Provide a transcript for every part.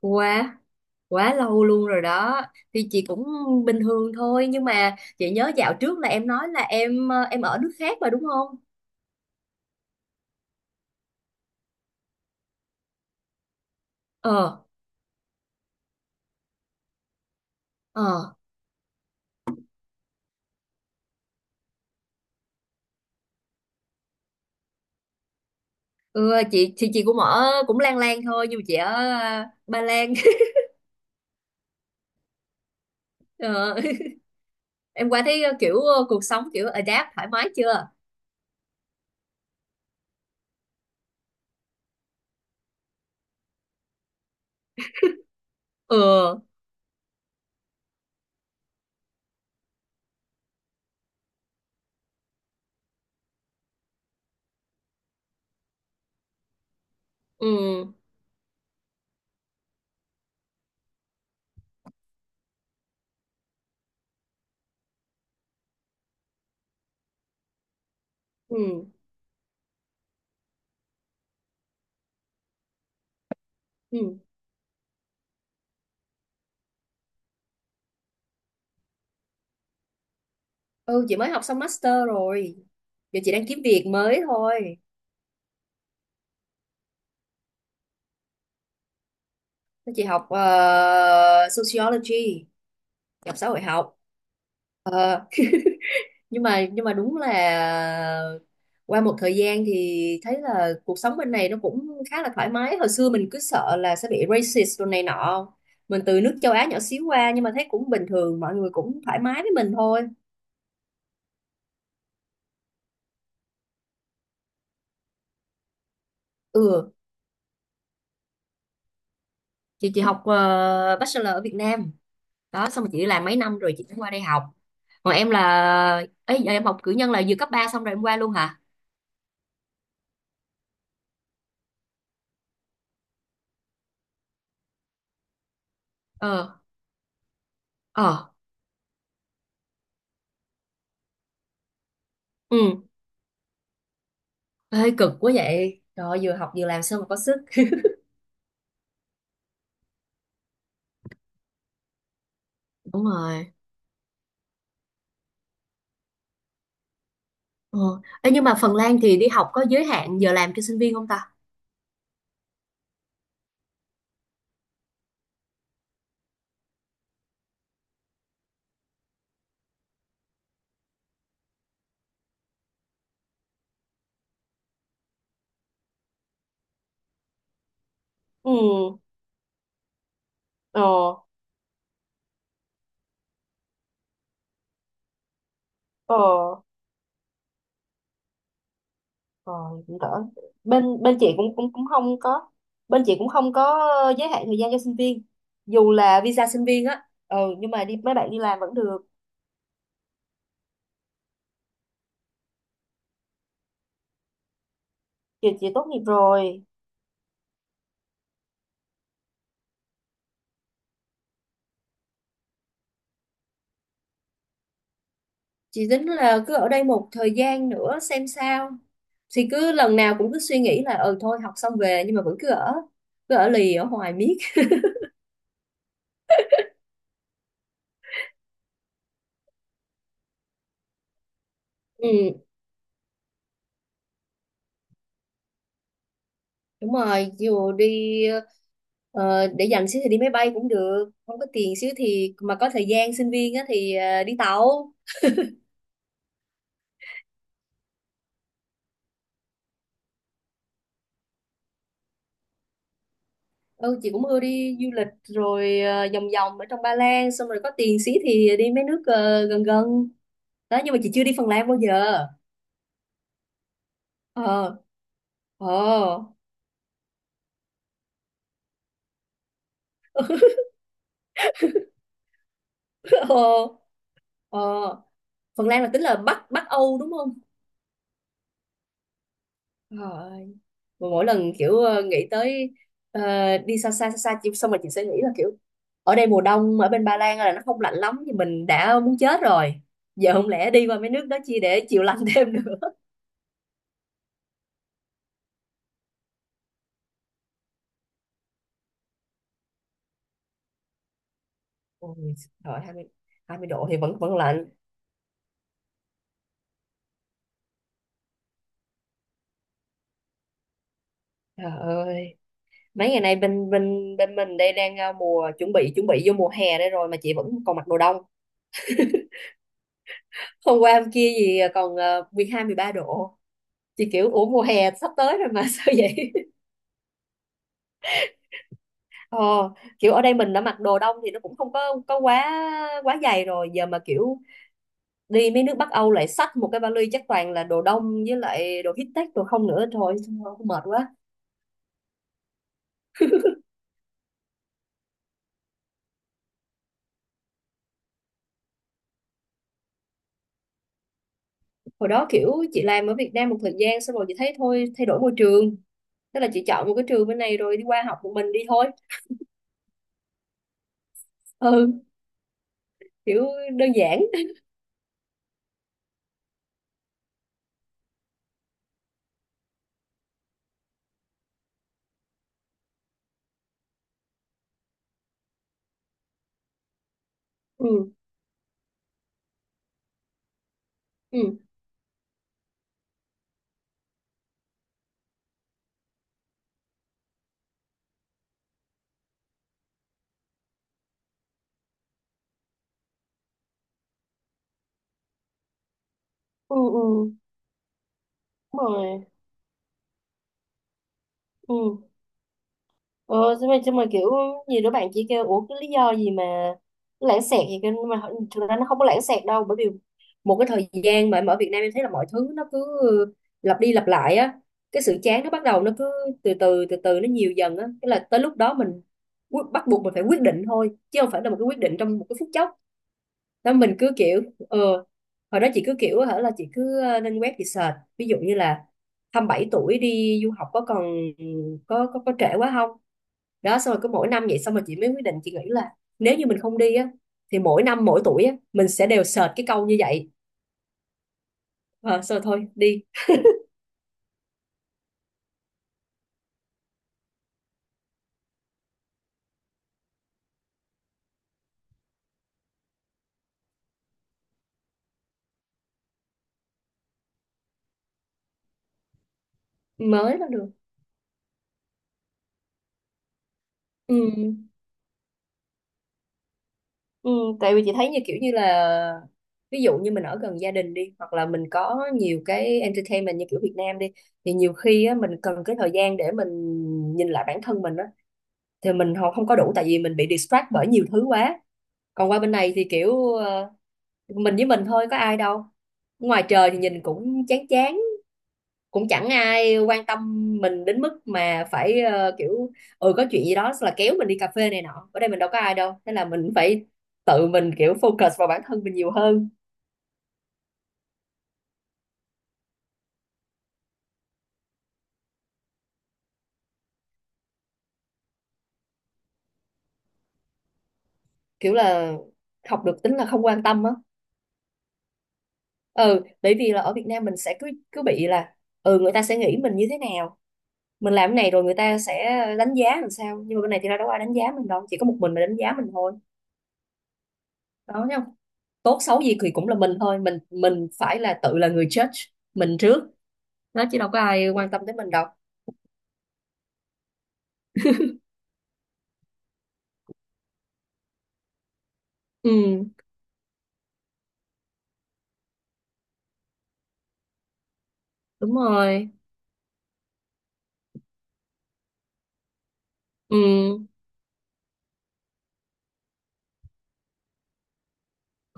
Quá quá lâu luôn rồi đó. Thì chị cũng bình thường thôi nhưng mà chị nhớ dạo trước là em nói là em ở nước khác mà đúng không? ờ ờ ừ, chị thì chị cũng ở cũng lang lang thôi nhưng mà chị ở Ba Lan. ờ, em qua thấy kiểu cuộc sống kiểu adapt thoải mái chưa? ờ ừ, ừ, ừ, ừ. Chị mới học xong master rồi, giờ chị đang kiếm việc mới thôi. Chị học sociology, học xã hội học. Ờ, nhưng mà đúng là qua một thời gian thì thấy là cuộc sống bên này nó cũng khá là thoải mái. Hồi xưa mình cứ sợ là sẽ bị racist rồi này nọ, mình từ nước châu Á nhỏ xíu qua nhưng mà thấy cũng bình thường, mọi người cũng thoải mái với mình thôi. Ừ, chị học bachelor ở Việt Nam đó, xong rồi chị đi làm mấy năm rồi chị mới qua đây học. Còn em là ấy, giờ em học cử nhân là vừa cấp 3 xong rồi em qua luôn hả? ờ ờ ừ, hơi cực quá vậy trời ơi, vừa học vừa làm sao mà có sức. Đúng rồi. Ờ. Ê, nhưng mà Phần Lan thì đi học có giới hạn giờ làm cho sinh viên không ta? Ừ. ờ ờ ờ Cũng đỡ. Bên bên chị cũng cũng cũng không có Bên chị cũng không có giới hạn thời gian cho sinh viên, dù là visa sinh viên á. Ừ, nhưng mà mấy bạn đi làm vẫn được. Chị tốt nghiệp rồi. Chị tính là cứ ở đây một thời gian nữa xem sao, thì cứ lần nào cũng cứ suy nghĩ là ừ thôi học xong về nhưng mà vẫn cứ ở, cứ ở lì ở hoài miết. Ừ, đúng rồi. Dù đi ờ, để dành xíu thì đi máy bay cũng được, không có tiền xíu thì mà có thời gian sinh viên á, thì đi tàu. Ừ, chị cũng ưa đi du lịch rồi vòng vòng ở trong Ba Lan, xong rồi có tiền xíu thì đi mấy nước gần gần đó, nhưng mà chị chưa đi Phần Lan bao giờ. ờ ờ ờ ờ Phần Lan là tính là Bắc Bắc Âu đúng không? ờ mà mỗi lần kiểu nghĩ tới ờ, đi xa xa xong rồi chị sẽ nghĩ là kiểu ở đây mùa đông ở bên Ba Lan là nó không lạnh lắm thì mình đã muốn chết rồi, giờ không lẽ đi qua mấy nước đó chi để chịu lạnh thêm được. Ôi trời, 20, 20 độ thì vẫn vẫn lạnh. Trời ơi, mấy ngày nay bên bên bên mình đây đang mùa chuẩn bị vô mùa hè đây rồi mà chị vẫn còn mặc đồ đông, hôm qua hôm kia gì còn 12 13 độ. Chị kiểu ủa mùa hè sắp tới rồi mà sao vậy. Ờ, kiểu ở đây mình đã mặc đồ đông thì nó cũng không có quá quá dày rồi, giờ mà kiểu đi mấy nước Bắc Âu lại xách một cái vali chắc toàn là đồ đông với lại đồ high-tech đồ không nữa. Thôi thôi, mệt quá. Hồi đó kiểu chị làm ở Việt Nam một thời gian xong rồi chị thấy thôi thay đổi môi trường, tức là chị chọn một cái trường bên này rồi đi qua học một mình đi thôi. Ừ, kiểu đơn giản. Ừ, ừ, ừ, ừ, đúng rồi. Ừ. Ờ, xong rồi kiểu nhiều đứa bạn chỉ kêu ủa cái lý do gì mà nó lãng xẹt gì kêu, nhưng mà thực ra nó không có lãng xẹt đâu, bởi vì một cái thời gian mà em ở Việt Nam em thấy là mọi thứ nó cứ lặp đi lặp lại á, cái sự chán nó bắt đầu nó cứ từ từ nó nhiều dần á, cái là tới lúc đó mình bắt buộc mình phải quyết định thôi chứ không phải là một cái quyết định trong một cái phút chốc. Đó mình cứ kiểu ờ hồi đó chị cứ kiểu hả là chị cứ lên web chị search ví dụ như là 27 tuổi đi du học có còn, có trễ quá không. Đó xong rồi cứ mỗi năm vậy xong rồi chị mới quyết định, chị nghĩ là nếu như mình không đi á thì mỗi năm mỗi tuổi á mình sẽ đều sệt cái câu như vậy. Ờ, xong rồi thôi đi, mới là được. Ừ. Ừ. Tại vì chị thấy như kiểu như là ví dụ như mình ở gần gia đình đi hoặc là mình có nhiều cái entertainment như kiểu Việt Nam đi, thì nhiều khi á mình cần cái thời gian để mình nhìn lại bản thân mình á thì mình họ không có đủ, tại vì mình bị distract bởi nhiều thứ quá. Còn qua bên này thì kiểu mình với mình thôi có ai đâu, ngoài trời thì nhìn cũng chán chán, cũng chẳng ai quan tâm mình đến mức mà phải kiểu ừ có chuyện gì đó là kéo mình đi cà phê này nọ, ở đây mình đâu có ai đâu thế là mình phải tự mình kiểu focus vào bản thân mình nhiều hơn. Kiểu là học được tính là không quan tâm á. Ừ, bởi vì là ở Việt Nam mình sẽ cứ cứ bị là ừ người ta sẽ nghĩ mình như thế nào, mình làm cái này rồi người ta sẽ đánh giá làm sao, nhưng mà bên này thì đâu có ai đánh giá mình đâu, chỉ có một mình mà đánh giá mình thôi. Đó thấy không, tốt xấu gì thì cũng là mình thôi, mình phải là tự là người judge mình trước nó, chứ đâu có ai quan tâm tới mình đâu. Ừ, đúng rồi. Ừ.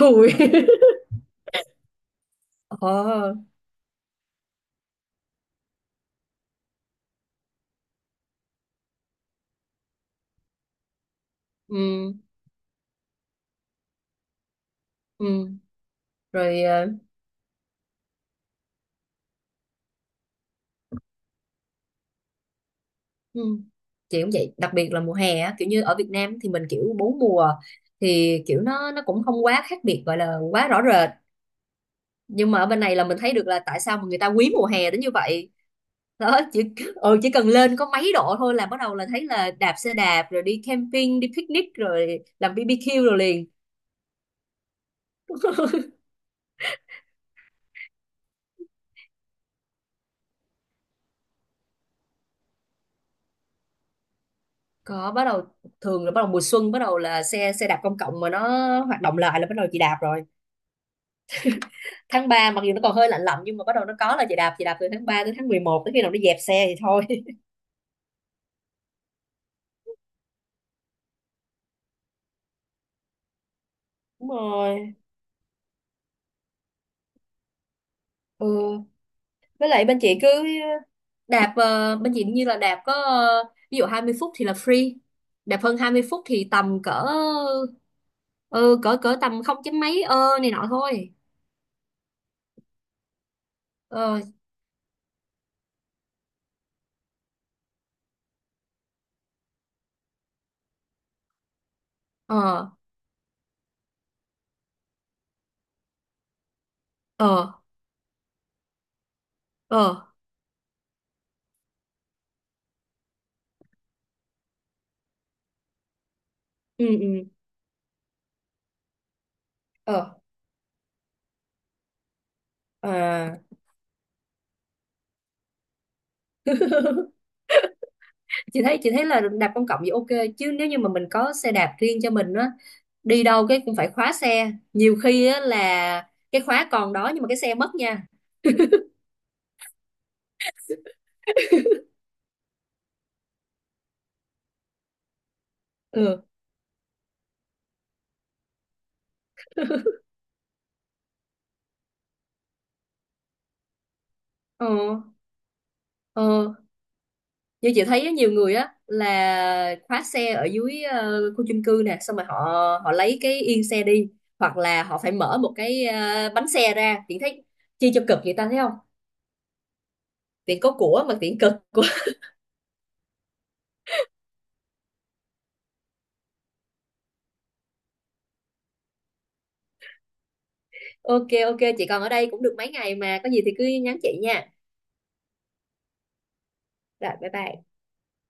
Ui. ờ ừ, ừ, rồi ừ. Chị cũng vậy, đặc biệt là mùa hè á, kiểu như ở Việt Nam thì mình kiểu bốn mùa thì kiểu nó cũng không quá khác biệt, gọi là quá rõ rệt, nhưng mà ở bên này là mình thấy được là tại sao mà người ta quý mùa hè đến như vậy. Đó chỉ ừ, chỉ cần lên có mấy độ thôi là bắt đầu là thấy là đạp xe đạp rồi đi camping đi picnic rồi làm BBQ rồi liền. Bắt đầu thường là bắt đầu mùa xuân, bắt đầu là xe xe đạp công cộng mà nó hoạt động lại là bắt đầu chị đạp rồi, tháng ba mặc dù nó còn hơi lạnh lạnh nhưng mà bắt đầu nó có là chị đạp từ tháng 3 đến tháng mười một tới khi nào nó dẹp xe thì thôi. Đúng rồi. Ừ, với lại bên chị cứ đạp bên chị như là đạp có ví dụ 20 phút thì là free, đạp hơn 20 phút thì tầm cỡ ừ, cỡ cỡ tầm không chấm mấy ơ này nọ thôi. ờ ờ ờ ờ ừ, ừ. ờ À. Chị thấy là đạp công cộng thì ok, chứ nếu như mà mình có xe đạp riêng cho mình á, đi đâu cái cũng phải khóa xe, nhiều khi á là cái khóa còn đó nhưng mà cái xe mất nha. Ừ. ờ ờ Như chị thấy á, nhiều người á là khóa xe ở dưới khu chung cư nè, xong rồi họ họ lấy cái yên xe đi, hoặc là họ phải mở một cái bánh xe ra. Chị thấy chi cho cực vậy ta, thấy không? Tiện có của mà tiện cực. Ok, ok, chị còn ở đây cũng được mấy ngày, mà có gì thì cứ nhắn chị nha. Rồi bye bye.